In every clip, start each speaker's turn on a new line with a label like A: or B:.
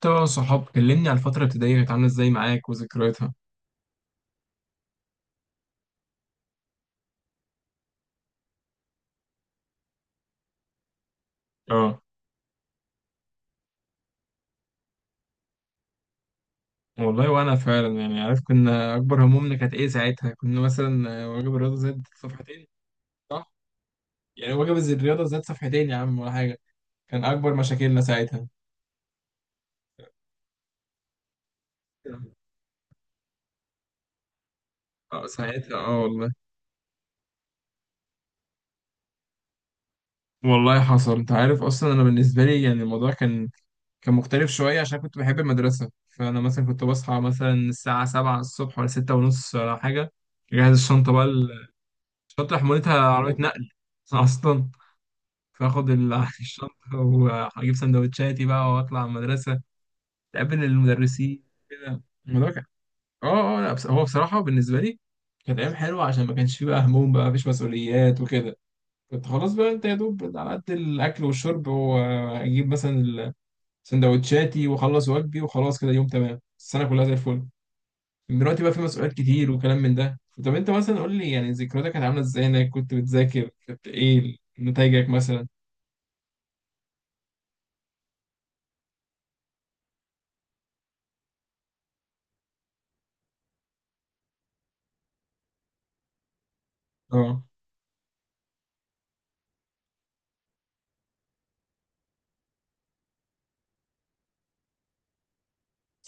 A: طبعا، صحاب كلمني على الفترة الابتدائية، كانت عاملة ازاي معاك وذكرياتها؟ اه والله، وانا فعلا عارف كنا اكبر همومنا كانت ايه ساعتها. كنا مثلا واجب الرياضة زاد صفحتين. صح. يعني واجب الرياضة زاد صفحتين يا عم، ولا حاجة. كان اكبر مشاكلنا ساعتها. اه ساعتها، والله. والله حصل. انت عارف اصلا انا بالنسبة لي يعني الموضوع كان مختلف شوية عشان كنت بحب المدرسة. فانا مثلا كنت بصحى مثلا الساعة 7 الصبح، ولا 6 ونص، ولا حاجة. اجهز الشنطة بقى. شنطة حمولتها عربية نقل أصلا. فاخد الشنطة، وأجيب سندوتشاتي بقى، وأطلع المدرسة. أقابل المدرسين كده. الموضوع كان لا، بس هو بصراحة بالنسبة لي كانت أيام حلوة عشان ما كانش فيه بقى هموم، بقى مفيش مسؤوليات وكده. كنت خلاص بقى، أنت يا دوب على قد الأكل والشرب، وأجيب مثلا سندوتشاتي، وأخلص واجبي، وخلاص كده يوم تمام السنة كلها زي الفل. دلوقتي بقى في مسؤوليات كتير وكلام من ده. طب انت مثلا قول لي، يعني ذكرياتك كانت عامله ازاي؟ انك كنت بتذاكر، كنت ايه نتائجك مثلا؟ اه.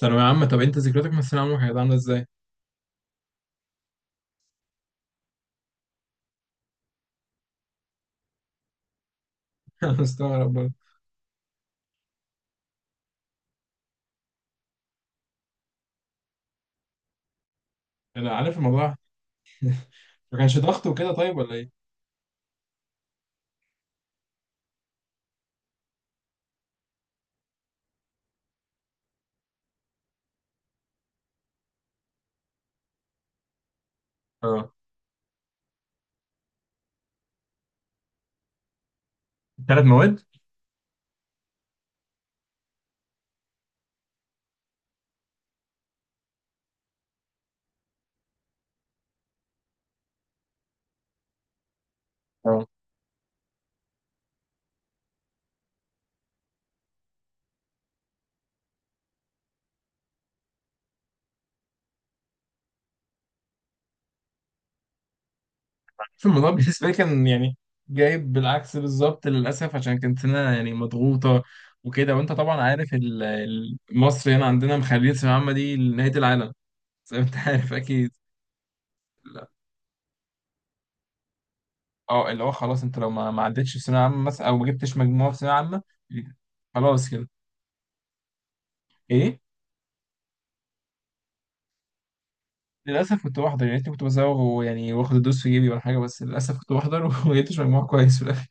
A: ثانوية عامة. طب انت ذكرياتك من الثانوية العامة كانت عاملة ازاي؟ انا مستغرب برضه. انا عارف الموضوع. ما كانش ضغط وكده، طيب، ولا ايه؟ اه. 3 مواد. اه. في الموضوع بالنسبة لي كان جايب بالعكس بالظبط للأسف، عشان كانت هنا يعني مضغوطة وكده. وانت طبعا عارف مصر هنا عندنا مخليه الثانوية العامة دي نهاية العالم، زي ما انت عارف اكيد. اه، اللي هو خلاص، انت لو ما عدتش في ثانويه عامه مثلا، او ما جبتش مجموعه في ثانويه عامه، خلاص كده. ايه. للاسف كنت بحضر، يعني كنت بزوغ، ويعني واخد الدوس في جيبي ولا حاجه، بس للاسف كنت بحضر وما جبتش مجموع كويس في الاخر.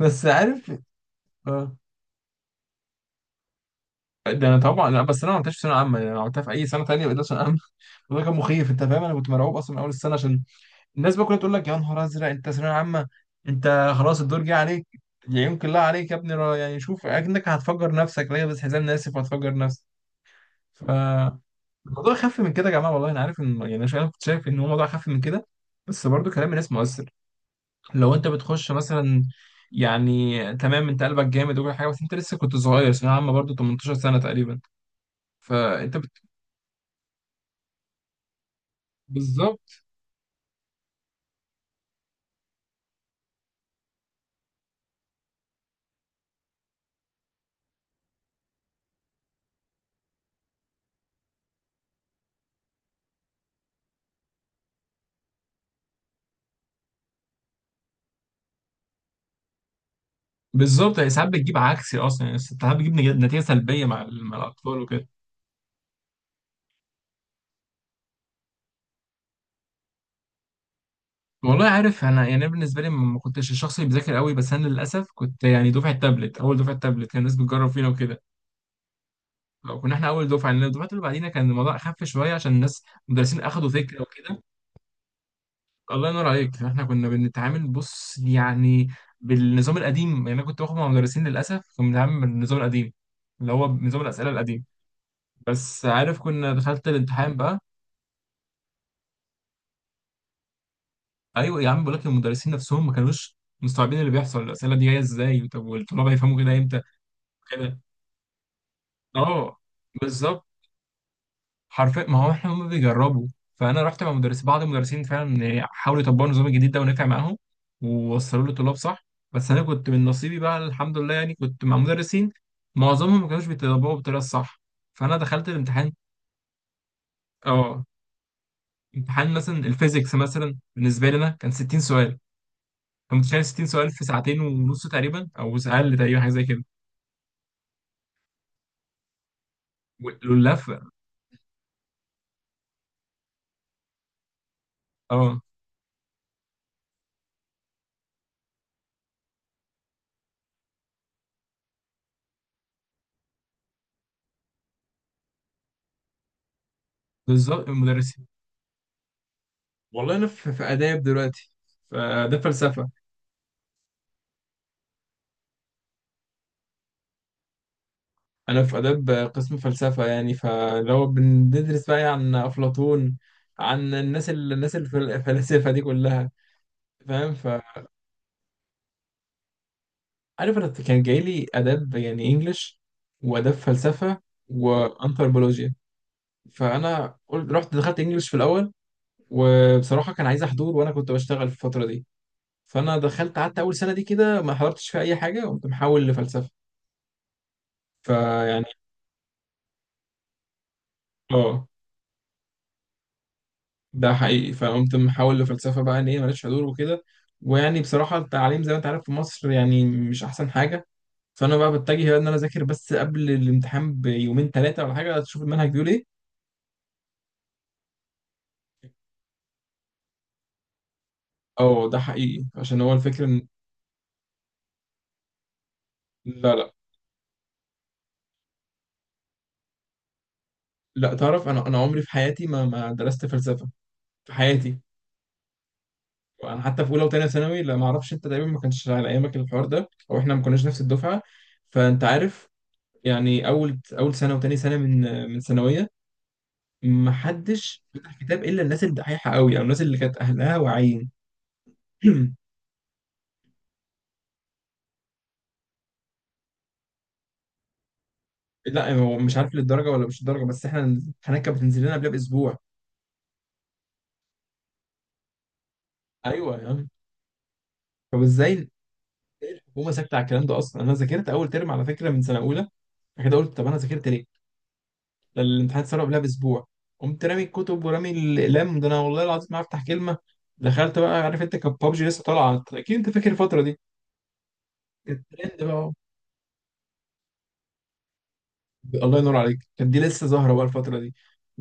A: بس عارف؟ اه. ده انا طبعا لا، بس انا ما عملتهاش في ثانويه عامه، يعني انا عملتها في اي سنه ثانيه بقيت ثانويه عامه وده كان مخيف، انت فاهم؟ انا كنت مرعوب اصلا من اول السنه عشان الناس بقى كلها تقول لك يا نهار ازرق، انت ثانويه عامه، انت خلاص الدور جه عليك، يعينك الله عليك يا ابني، يعني شوف اكنك هتفجر نفسك. لا، بس حزام ناسف وهتفجر نفسك. ف الموضوع خف من كده يا جماعه والله. انا عارف ان يعني انا كنت شايف ان هو موضوع خف من كده، بس برضو كلام الناس مؤثر. لو انت بتخش مثلا، يعني تمام، انت قلبك جامد وكل حاجه، بس انت لسه كنت صغير، ثانويه عامه برضو 18 سنه تقريبا. فانت بت... بالظبط. بالظبط، يعني ساعات بتجيب عكسي اصلا، يعني ساعات بتجيب نتيجه سلبيه مع مع الاطفال وكده. والله عارف، انا يعني أنا بالنسبه لي ما كنتش الشخص اللي بيذاكر قوي، بس انا للاسف كنت يعني دفعه تابلت، اول دفعه تابلت كان الناس بتجرب فينا وكده. كنا احنا اول دفعه لان الدفعات اللي بعدينا كان الموضوع اخف شويه، عشان الناس المدرسين اخدوا فكره وكده. الله ينور عليك. فاحنا كنا بنتعامل بص يعني بالنظام القديم. يعني انا كنت باخد مع مدرسين للاسف كنا بنتعامل بالنظام القديم، اللي هو نظام الاسئله القديم. بس عارف كنا دخلت الامتحان بقى. ايوه يا عم، بقول لك المدرسين نفسهم ما كانوش مستوعبين اللي بيحصل. الاسئله دي جايه ازاي؟ طب والطلاب هيفهموا كده امتى؟ كده. اه. بالظبط. حرفيا، ما هو احنا هم بيجربوا. فانا رحت مع مدرس. بعض المدرسين فعلا حاولوا يطبقوا النظام الجديد ده ونفع معاهم ووصلوا له طلاب صح، بس انا كنت من نصيبي بقى الحمد لله، يعني كنت مع مدرسين معظمهم ما كانوش بيطبقوا بالطريقه الصح. فانا دخلت الامتحان. اه. امتحان مثلا الفيزيكس مثلا بالنسبه لي انا كان 60 سؤال. انت متخيل 60 سؤال في ساعتين ونص تقريبا او اقل تقريبا، حاجه زي كده؟ واللفه. اه بالظبط المدرسين. والله انا في اداب دلوقتي. فده فلسفه. انا في اداب قسم فلسفه. يعني فلو بندرس بقى يعني عن افلاطون، عن الناس الناس الفلاسفه دي كلها. فاهم فعارف. انا كان جاي لي اداب، يعني انجلش، واداب فلسفه، وانثروبولوجيا. فانا قلت رحت دخلت انجلش في الاول، وبصراحه كان عايز احضور وانا كنت بشتغل في الفتره دي. فانا دخلت قعدت اول سنه دي كده ما حضرتش في اي حاجه، قمت محول لفلسفه. فيعني، اه ده حقيقي، فقمت محول لفلسفة بقى، ان هي مالتش حضور وكده. ويعني بصراحة التعليم زي ما انت عارف في مصر يعني مش احسن حاجة. فانا بقى بتجه بقى ان انا اذاكر بس قبل الامتحان بيومين ثلاثة ولا حاجة، تشوف المنهج بيقول ايه. اه ده حقيقي عشان هو الفكرة ان، لا لا لا، تعرف، انا عمري في حياتي ما درست فلسفة في حياتي. انا حتى في اولى وثانيه ثانوي لا ما اعرفش. انت تقريبا ما كانش على ايامك الحوار ده، او احنا ما كناش نفس الدفعة، فانت عارف. يعني اول سنة وتاني سنة من ثانوية، محدش فتح كتاب الا الناس الدحيحه قوي او الناس اللي كانت اهلها واعيين. لا، هو مش عارف للدرجه، ولا مش للدرجه، بس احنا الامتحانات كانت بتنزل لنا قبلها باسبوع. ايوه يا عم. طب ازاي الحكومه ساكته على الكلام ده؟ اصلا انا ذاكرت اول ترم على فكره من سنه اولى، بعد كده قلت طب انا ذاكرت ليه؟ ده الامتحان اتسرب قبلها باسبوع. قمت رامي الكتب ورامي الاقلام. ده انا والله العظيم ما هفتح كلمه. دخلت بقى. عارف انت كان بابجي لسه طالعه، اكيد انت فاكر الفتره دي، كانت ترند بقى. الله ينور عليك، كانت دي لسه ظاهره بقى الفتره دي.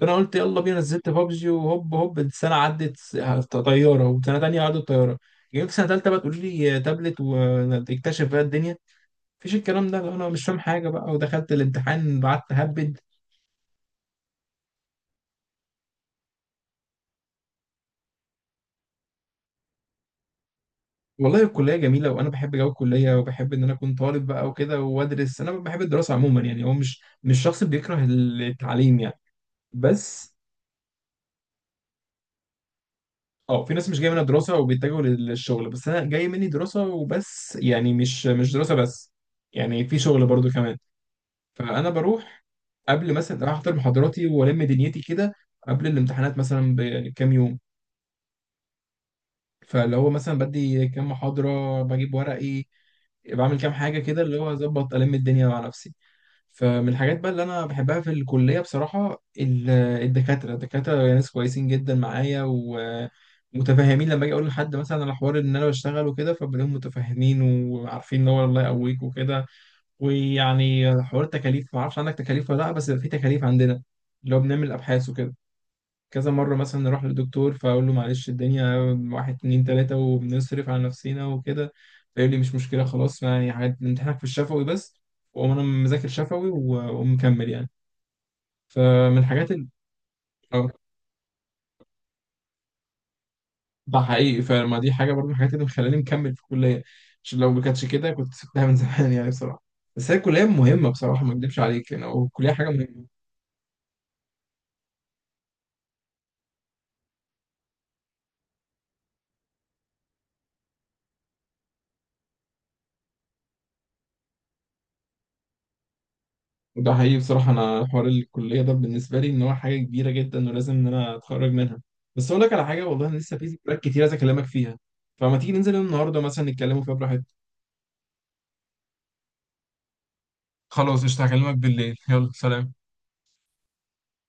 A: فانا قلت يلا بينا، نزلت بابجي وهوب هوب السنه عدت طياره، وسنه تانية عدت طياره. جيت سنه تالتة بقى تقول لي تابلت، وتكتشف بقى الدنيا. مفيش الكلام ده. انا مش فاهم حاجه بقى، ودخلت الامتحان قعدت اهبد. والله الكليه جميله وانا بحب جو الكليه، وبحب ان انا اكون طالب بقى وكده وادرس. انا بحب الدراسه عموما يعني، هو مش شخص بيكره التعليم يعني. بس اه، في ناس مش جايه منها دراسه وبيتجهوا للشغل، بس انا جاي مني دراسه وبس، يعني مش دراسه بس، يعني في شغل برضو كمان. فانا بروح قبل مثلا أروح احضر محاضراتي والم دنيتي كده، قبل الامتحانات مثلا بكام يوم، فاللي هو مثلا بدي كام محاضره بجيب ورقي، بعمل كام حاجه كده اللي هو اظبط الم الدنيا مع نفسي. فمن الحاجات بقى اللي انا بحبها في الكليه بصراحه، الدكاتره. الدكاتره يعني ناس كويسين جدا معايا، ومتفاهمين، لما اجي اقول لحد مثلا على حوار ان انا بشتغل وكده، فبلاقيهم متفاهمين وعارفين ان هو الله يقويك وكده. ويعني حوار التكاليف، ما اعرفش عندك تكاليف ولا لا، بس في تكاليف عندنا اللي هو بنعمل ابحاث وكده. كذا مرة مثلا نروح للدكتور، فأقول له معلش الدنيا واحد اتنين تلاتة وبنصرف على نفسنا وكده، فيقول لي مش مشكلة خلاص يعني، حاجات امتحانك في الشفوي بس. وأقوم أنا مذاكر شفوي ومكمل يعني. فمن الحاجات آه، ده حقيقي. فما دي حاجة برضه من الحاجات اللي مخلاني مكمل في الكلية، عشان لو ما كانتش كده كنت سبتها من زمان، يعني بصراحة. بس هي الكلية مهمة بصراحة، ما أكدبش عليك، يعني أو الكلية حاجة مهمة. ده حقيقي. بصراحة أنا حوار الكلية ده بالنسبة لي إن هو حاجة كبيرة جدا، ولازم إن أنا أتخرج منها. بس أقول لك على حاجة، والله أنا لسه في ذكريات كتير عايز أكلمك فيها، فما تيجي ننزل النهاردة مثلا نتكلموا فيها براحتنا. خلاص قشطة، هكلمك بالليل، يلا سلام.